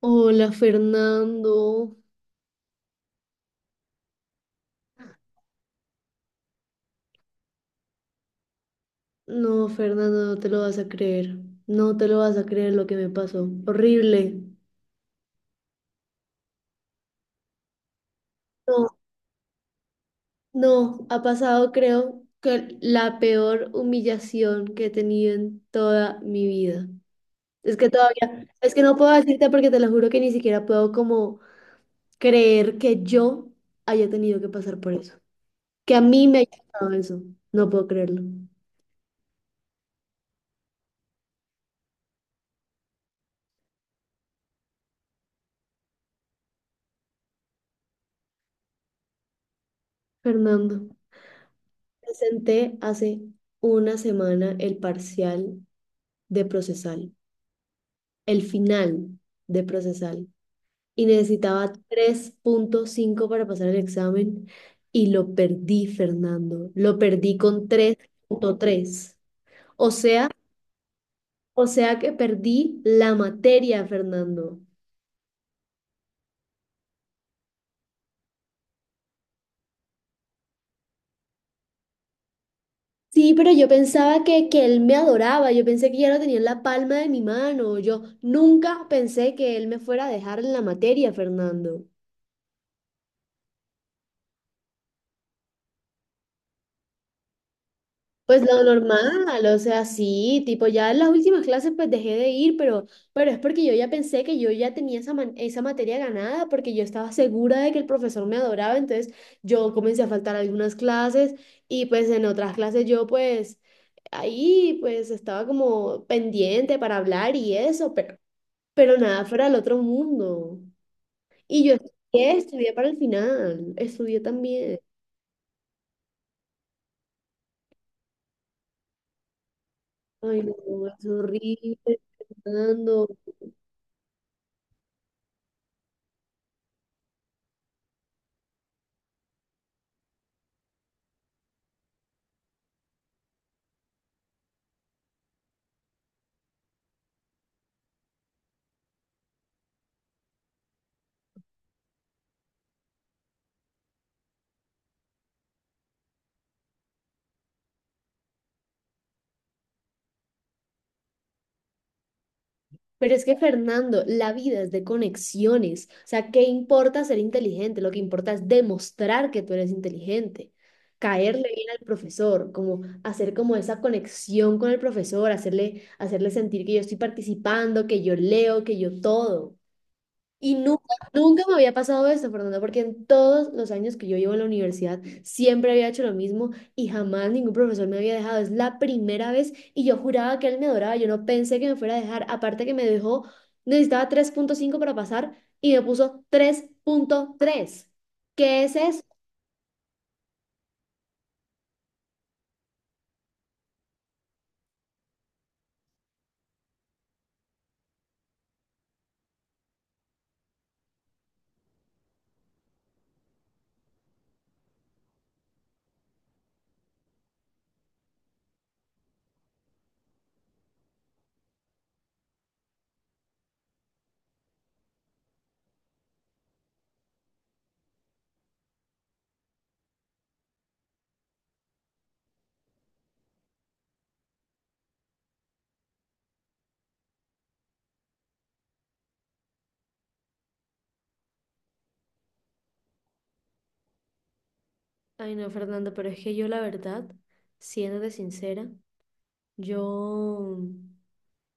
Hola Fernando. No, Fernando, no te lo vas a creer. No te lo vas a creer lo que me pasó. Horrible. No, no, ha pasado creo que la peor humillación que he tenido en toda mi vida. Es que todavía, es que no puedo decirte porque te lo juro que ni siquiera puedo como creer que yo haya tenido que pasar por eso. Que a mí me haya pasado eso. No puedo creerlo. Fernando, presenté hace una semana el parcial de procesal, el final de procesal. Y necesitaba 3,5 para pasar el examen y lo perdí, Fernando. Lo perdí con 3,3. O sea, que perdí la materia, Fernando. Sí, pero yo pensaba que él me adoraba, yo pensé que ya lo tenía en la palma de mi mano, yo nunca pensé que él me fuera a dejar en la materia, Fernando. Pues lo normal, o sea, sí, tipo, ya en las últimas clases pues dejé de ir, pero, es porque yo ya pensé que yo ya tenía esa, esa materia ganada, porque yo estaba segura de que el profesor me adoraba, entonces yo comencé a faltar algunas clases y pues en otras clases yo pues ahí pues estaba como pendiente para hablar y eso, pero, nada fuera del otro mundo. Y yo estudié, estudié para el final, estudié también. Ay, no, es horrible, Fernando. Pero es que Fernando, la vida es de conexiones. O sea, ¿qué importa ser inteligente? Lo que importa es demostrar que tú eres inteligente. Caerle bien al profesor, como hacer como esa conexión con el profesor, hacerle, hacerle sentir que yo estoy participando, que yo leo, que yo todo. Y nunca, nunca me había pasado esto, Fernanda, porque en todos los años que yo llevo en la universidad siempre había hecho lo mismo y jamás ningún profesor me había dejado. Es la primera vez y yo juraba que él me adoraba. Yo no pensé que me fuera a dejar. Aparte que me dejó, necesitaba 3,5 para pasar y me puso 3,3. ¿Qué es eso? Ay, no, Fernanda, pero es que yo la verdad, siéndote sincera. Yo,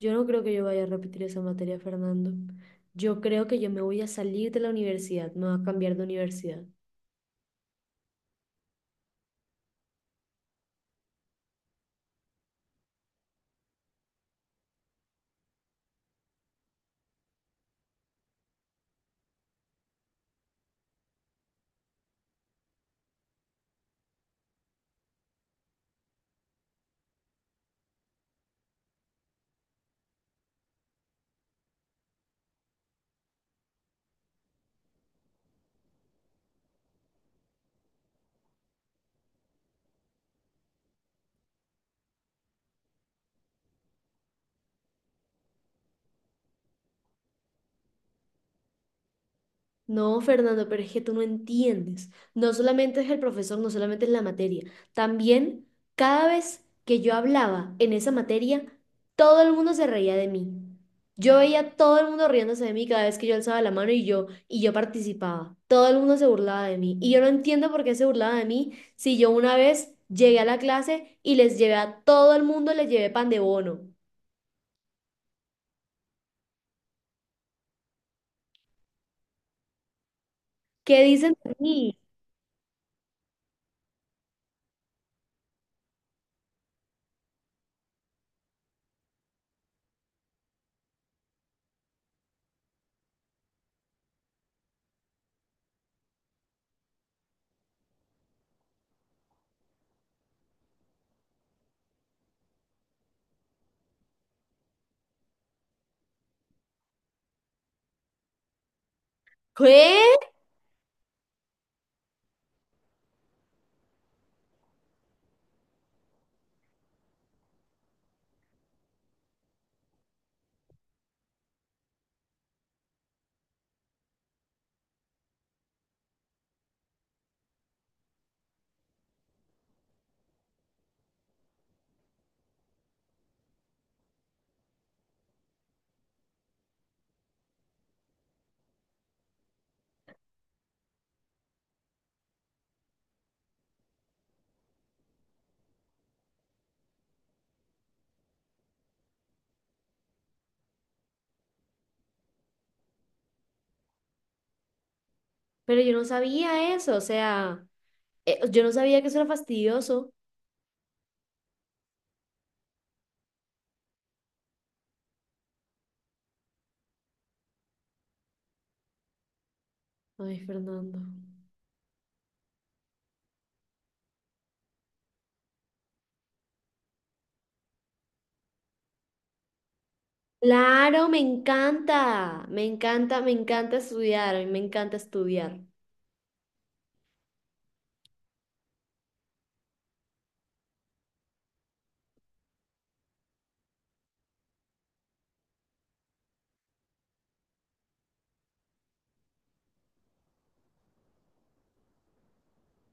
no creo que yo vaya a repetir esa materia, Fernando. Yo creo que yo me voy a salir de la universidad, me voy a cambiar de universidad. No, Fernando, pero es que tú no entiendes. No solamente es el profesor, no solamente es la materia. También, cada vez que yo hablaba en esa materia, todo el mundo se reía de mí. Yo veía a todo el mundo riéndose de mí cada vez que yo alzaba la mano y yo participaba. Todo el mundo se burlaba de mí. Y yo no entiendo por qué se burlaba de mí si yo una vez llegué a la clase y les llevé a todo el mundo, les llevé pan de bono. ¿Qué dicen de mí? ¿Qué? Pero yo no sabía eso, o sea... yo no sabía que eso era fastidioso. Ay, Fernando. Claro, me encanta, me encanta, me encanta estudiar, a mí me encanta estudiar.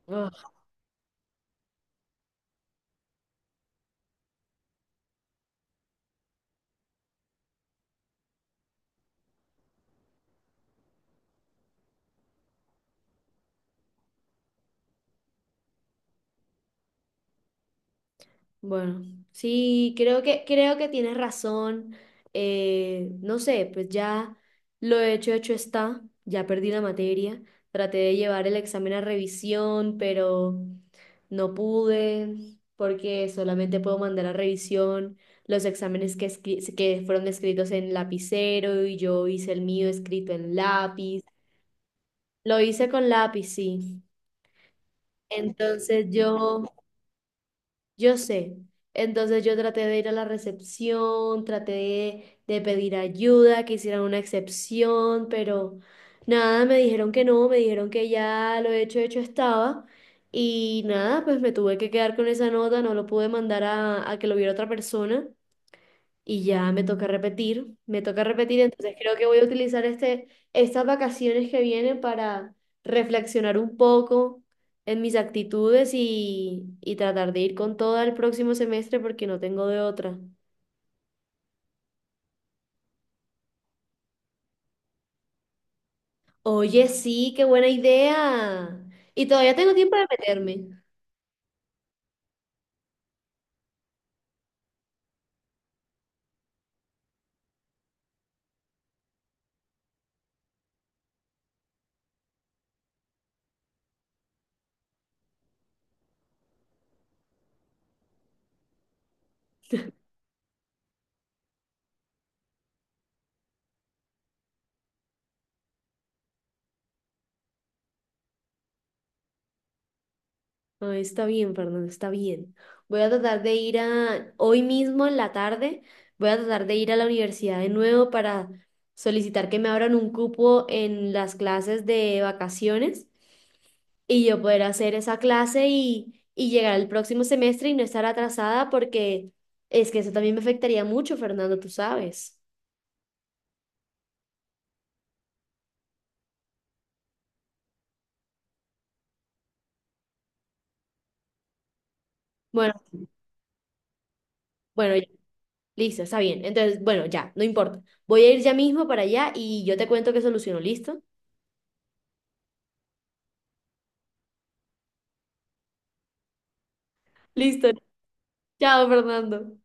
Ah, bueno, sí, creo que tienes razón. No sé, pues ya lo hecho, hecho está. Ya perdí la materia. Traté de llevar el examen a revisión, pero no pude porque solamente puedo mandar a revisión los exámenes que, que fueron escritos en lapicero y yo hice el mío escrito en lápiz. Lo hice con lápiz, sí. Entonces yo... Yo sé. Entonces yo traté de ir a la recepción, traté de, pedir ayuda, que hicieran una excepción, pero nada, me dijeron que no, me dijeron que ya lo hecho, hecho estaba. Y nada, pues me tuve que quedar con esa nota, no lo pude mandar a, que lo viera otra persona y ya me toca repetir, entonces creo que voy a utilizar este, estas vacaciones que vienen para reflexionar un poco en mis actitudes y, tratar de ir con todo el próximo semestre porque no tengo de otra. Oye, sí, qué buena idea. Y todavía tengo tiempo de meterme. No, está bien, Fernando, está bien. Voy a tratar de ir a, hoy mismo en la tarde, voy a tratar de ir a la universidad de nuevo para solicitar que me abran un cupo en las clases de vacaciones y yo poder hacer esa clase y llegar al próximo semestre y no estar atrasada porque es que eso también me afectaría mucho, Fernando, tú sabes. Bueno, bueno, ya, listo, está bien. Entonces, bueno, ya, no importa. Voy a ir ya mismo para allá y yo te cuento que soluciono, ¿listo? Listo. Chao, Fernando.